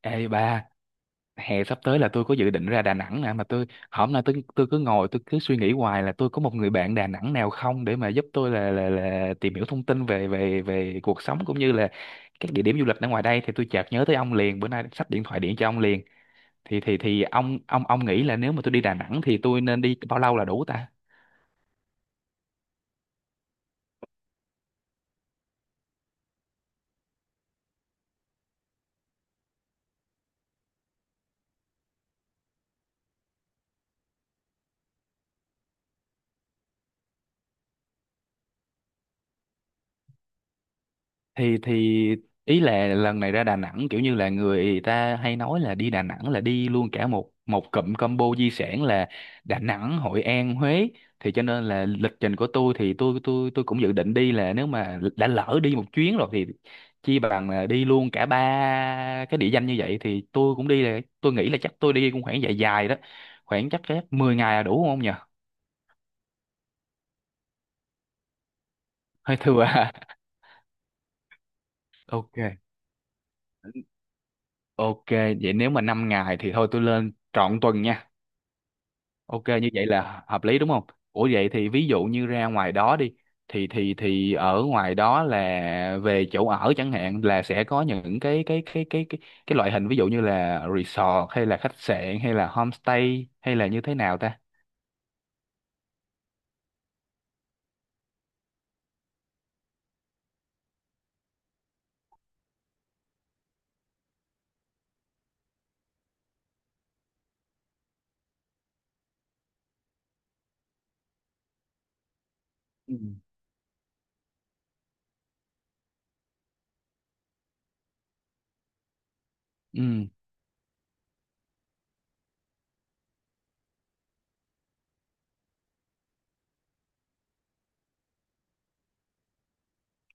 Ê ba, hè sắp tới là tôi có dự định ra Đà Nẵng nè. Mà tôi hôm nay, tôi cứ ngồi tôi cứ suy nghĩ hoài là tôi có một người bạn Đà Nẵng nào không để mà giúp tôi là tìm hiểu thông tin về về về cuộc sống cũng như là các địa điểm du lịch ở ngoài đây. Thì tôi chợt nhớ tới ông liền, bữa nay sắp điện thoại điện cho ông liền. Thì ông nghĩ là nếu mà tôi đi Đà Nẵng thì tôi nên đi bao lâu là đủ ta? Thì ý là lần này ra Đà Nẵng kiểu như là người ta hay nói là đi Đà Nẵng là đi luôn cả một một cụm combo di sản là Đà Nẵng, Hội An, Huế. Thì cho nên là lịch trình của tôi thì tôi cũng dự định đi là nếu mà đã lỡ đi một chuyến rồi thì chi bằng là đi luôn cả ba cái địa danh như vậy. Thì tôi cũng đi, là tôi nghĩ là chắc tôi đi cũng khoảng dài dài đó, khoảng chắc chắc 10 ngày là đủ không nhỉ? Hơi thừa à? Ok, ok. Vậy nếu mà 5 ngày thì thôi tôi lên trọn tuần nha. Ok, như vậy là hợp lý đúng không? Ủa vậy thì ví dụ như ra ngoài đó đi, thì ở ngoài đó là về chỗ ở chẳng hạn là sẽ có những cái loại hình, ví dụ như là resort hay là khách sạn hay là homestay hay là như thế nào ta? Ừ. Ừ.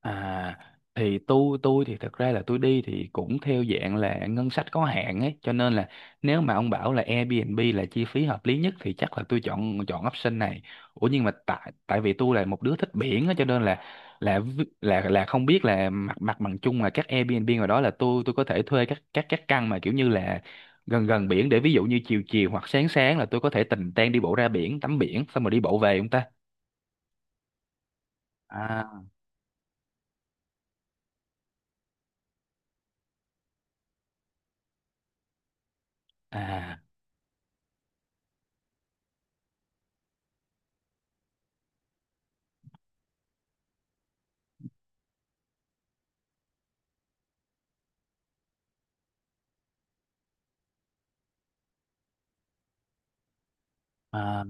À, thì tôi thì thật ra là tôi đi thì cũng theo dạng là ngân sách có hạn ấy, cho nên là nếu mà ông bảo là Airbnb là chi phí hợp lý nhất thì chắc là tôi chọn chọn option này. Ủa nhưng mà tại tại vì tôi là một đứa thích biển á, cho nên là là không biết là mặt mặt bằng chung là các Airbnb ngoài đó là tôi có thể thuê các căn mà kiểu như là gần gần biển, để ví dụ như chiều chiều hoặc sáng sáng là tôi có thể tình tang đi bộ ra biển tắm biển xong rồi đi bộ về không ta? À à à,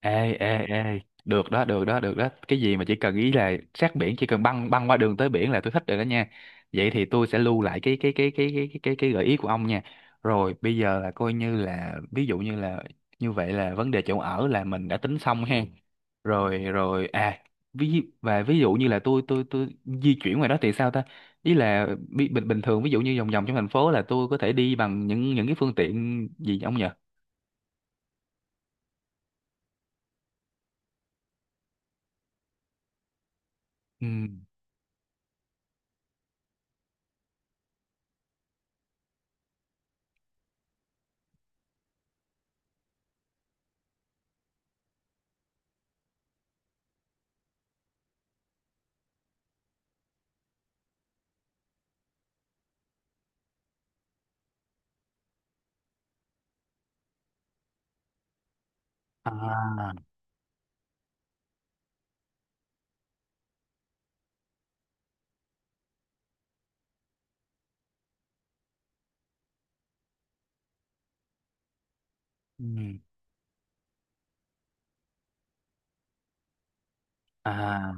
ê ê ê, được đó, được đó, được đó! Cái gì mà chỉ cần ý là sát biển, chỉ cần băng băng qua đường tới biển là tôi thích rồi đó nha. Vậy thì tôi sẽ lưu lại cái gợi ý của ông nha. Rồi bây giờ là coi như là, ví dụ như là, như vậy là vấn đề chỗ ở là mình đã tính xong ha. Rồi, rồi. À, ví dụ như là tôi di chuyển ngoài đó thì sao ta? Ý là bi- bình bình thường, ví dụ như vòng vòng trong thành phố là tôi có thể đi bằng những cái phương tiện gì ông nhỉ? Ừ. À. Ừ. À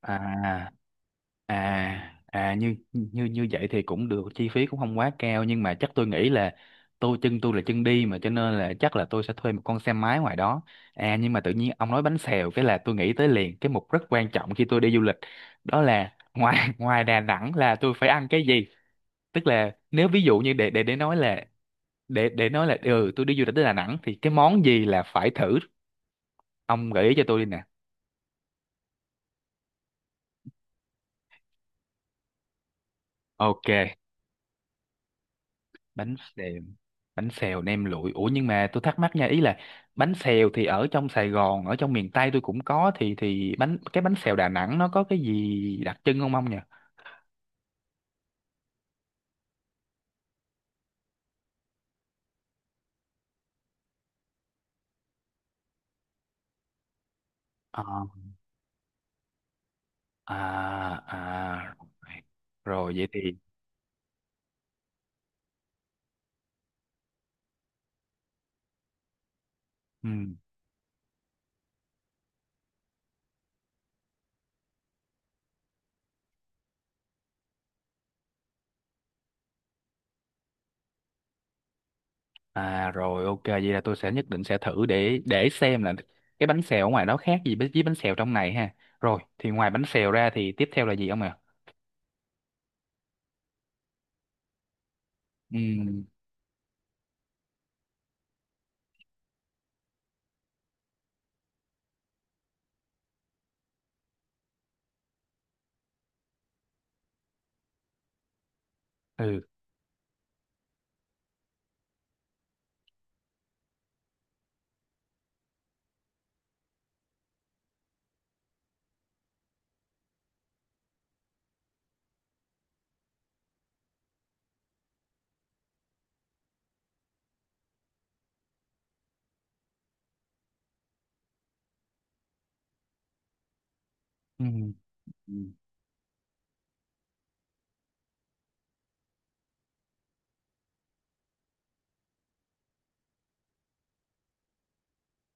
à à à, như như như vậy thì cũng được, chi phí cũng không quá cao. Nhưng mà chắc tôi nghĩ là tôi, chân tôi là chân đi mà, cho nên là chắc là tôi sẽ thuê một con xe máy ngoài đó. À nhưng mà tự nhiên ông nói bánh xèo cái là tôi nghĩ tới liền. Cái mục rất quan trọng khi tôi đi du lịch đó là ngoài ngoài Đà Nẵng là tôi phải ăn cái gì. Tức là nếu ví dụ như để nói là, để nói là, ừ, tôi đi du lịch tới Đà Nẵng thì cái món gì là phải thử, ông gợi ý cho tôi đi nè. Ok. Bánh xèo bánh xèo nem lụi? Ủa nhưng mà tôi thắc mắc nha, ý là bánh xèo thì ở trong Sài Gòn, ở trong miền Tây tôi cũng có. Thì cái bánh xèo Đà Nẵng nó có cái gì đặc trưng không ông nhỉ? Ờ. À à, rồi vậy thì ừ, à rồi, ok. Vậy là tôi sẽ nhất định sẽ thử để xem là cái bánh xèo ở ngoài đó khác gì với bánh xèo trong này ha. Rồi thì ngoài bánh xèo ra thì tiếp theo là gì ông ạ? Ừ ừ ừ.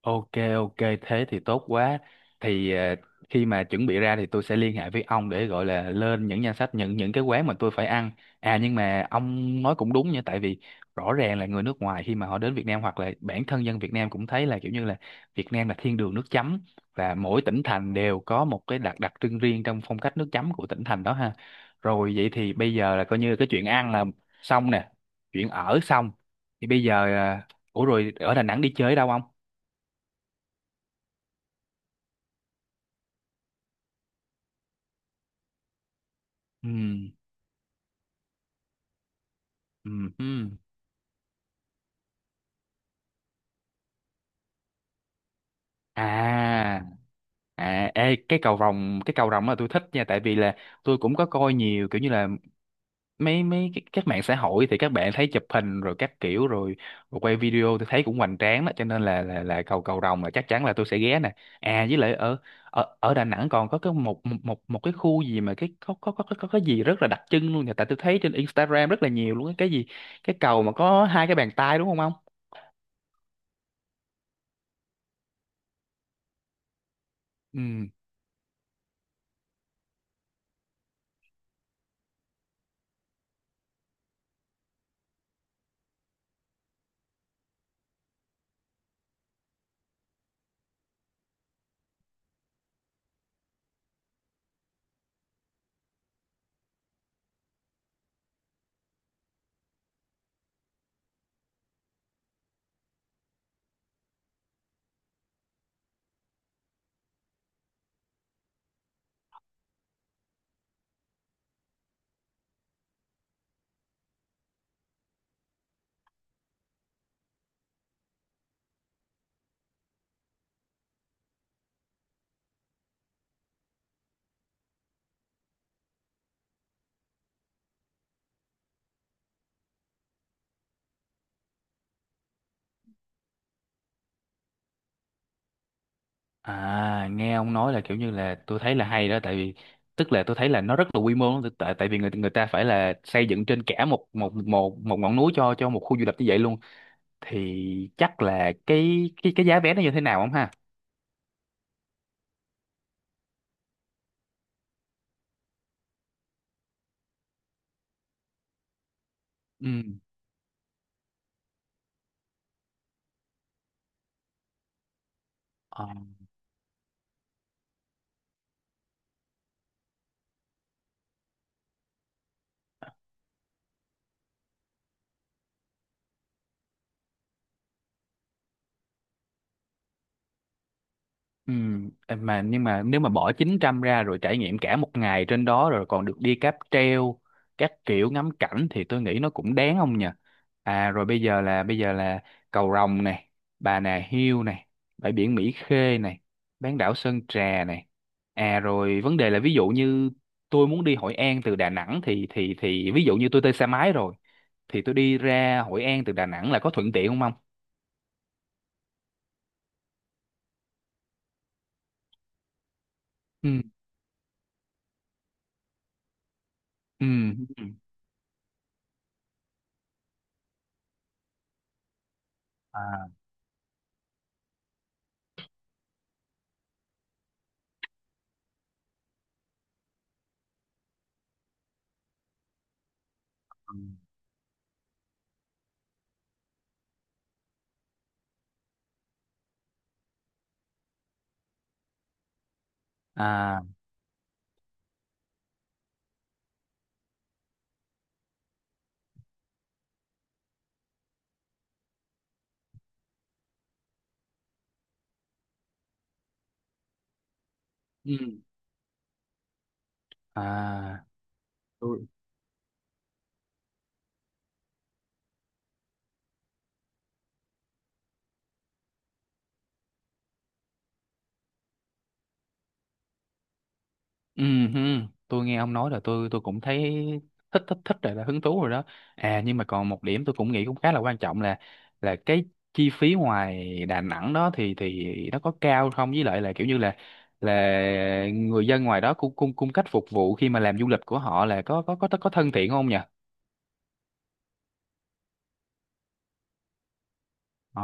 Ok, ok, thế thì tốt quá. Thì khi mà chuẩn bị ra thì tôi sẽ liên hệ với ông để gọi là lên những danh sách những cái quán mà tôi phải ăn. À nhưng mà ông nói cũng đúng nha, tại vì rõ ràng là người nước ngoài khi mà họ đến Việt Nam, hoặc là bản thân dân Việt Nam cũng thấy là kiểu như là Việt Nam là thiên đường nước chấm, và mỗi tỉnh thành đều có một cái đặc đặc trưng riêng trong phong cách nước chấm của tỉnh thành đó ha. Rồi vậy thì bây giờ là coi như cái chuyện ăn là xong nè, chuyện ở xong. Thì bây giờ ủa rồi ở Đà Nẵng đi chơi đâu ông? Ừ ừ ừ. À à, ê, cái cầu rồng là tôi thích nha. Tại vì là tôi cũng có coi nhiều kiểu như là mấy mấy cái các mạng xã hội thì các bạn thấy chụp hình rồi các kiểu rồi, rồi quay video tôi thấy cũng hoành tráng đó, cho nên là cầu cầu rồng là chắc chắn là tôi sẽ ghé nè. À với lại ở ở ở Đà Nẵng còn có cái một một một một cái khu gì mà cái có có cái gì rất là đặc trưng luôn nè, tại tôi thấy trên Instagram rất là nhiều luôn. Cái gì, cái cầu mà có hai cái bàn tay đúng không ông? Ừ. À, nghe ông nói là kiểu như là tôi thấy là hay đó. Tại vì tức là tôi thấy là nó rất là quy mô lắm, tại tại vì người người ta phải là xây dựng trên cả một một một một ngọn núi cho một khu du lịch như vậy luôn. Thì chắc là cái giá vé nó như thế nào không ha? Ừ. Ừ, em mà nhưng mà nếu mà bỏ 900 ra rồi trải nghiệm cả một ngày trên đó rồi còn được đi cáp treo các kiểu ngắm cảnh thì tôi nghĩ nó cũng đáng không nhỉ? À rồi bây giờ là Cầu Rồng này, Bà Nà Hills này, bãi biển Mỹ Khê này, bán đảo Sơn Trà này. À rồi vấn đề là ví dụ như tôi muốn đi Hội An từ Đà Nẵng, thì ví dụ như tôi thuê xe máy rồi thì tôi đi ra Hội An từ Đà Nẵng là có thuận tiện không không? Ừ. Ừ. Ừ. À. Ừ. À. Ừ. À, tôi, ừ hừ, tôi nghe ông nói là tôi cũng thấy thích thích thích rồi, là hứng thú rồi đó. À nhưng mà còn một điểm tôi cũng nghĩ cũng khá là quan trọng là cái chi phí ngoài Đà Nẵng đó thì nó có cao không, với lại là kiểu như là người dân ngoài đó cung cung cung cách phục vụ khi mà làm du lịch của họ là có thân thiện không nhỉ? Ờ.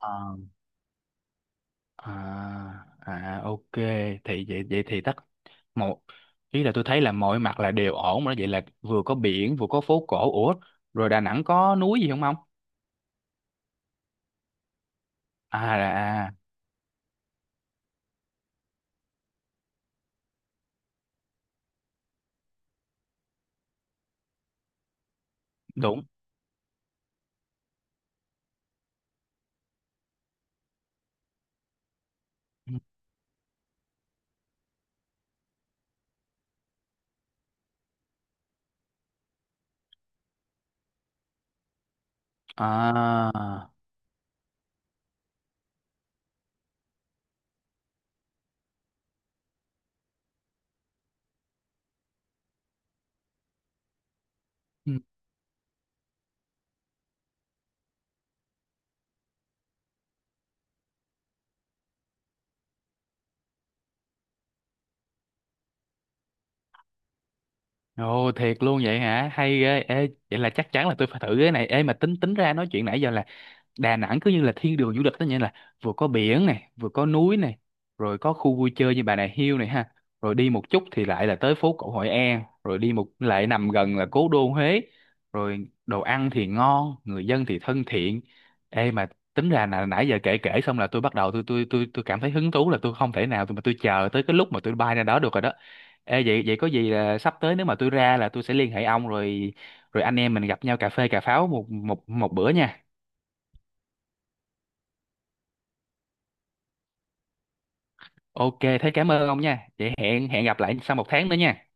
Ừ. À à, ok. Thì vậy vậy thì, một ý là tôi thấy là mọi mặt là đều ổn rồi đó. Vậy là vừa có biển vừa có phố cổ. Ủa rồi Đà Nẵng có núi gì không ông? À, à, đúng. À, ừ. Ồ, thiệt luôn vậy hả, hay ghê! Ê vậy là chắc chắn là tôi phải thử cái này. Ê mà tính tính ra nói chuyện nãy giờ là Đà Nẵng cứ như là thiên đường du lịch đó nhỉ, là vừa có biển này vừa có núi này, rồi có khu vui chơi như Bà Nà Hills này ha, rồi đi một chút thì lại là tới phố cổ Hội An, rồi đi một lại nằm gần là cố đô Huế, rồi đồ ăn thì ngon, người dân thì thân thiện. Ê mà tính ra là nãy giờ kể kể xong là tôi bắt đầu tôi cảm thấy hứng thú, là tôi không thể nào, tôi mà tôi chờ tới cái lúc mà tôi bay ra đó được rồi đó. Ê vậy vậy có gì là sắp tới nếu mà tôi ra là tôi sẽ liên hệ ông, rồi rồi anh em mình gặp nhau cà phê cà pháo một một một bữa nha. Ok, thế cảm ơn ông nha. Vậy hẹn hẹn gặp lại sau một tháng nữa nha.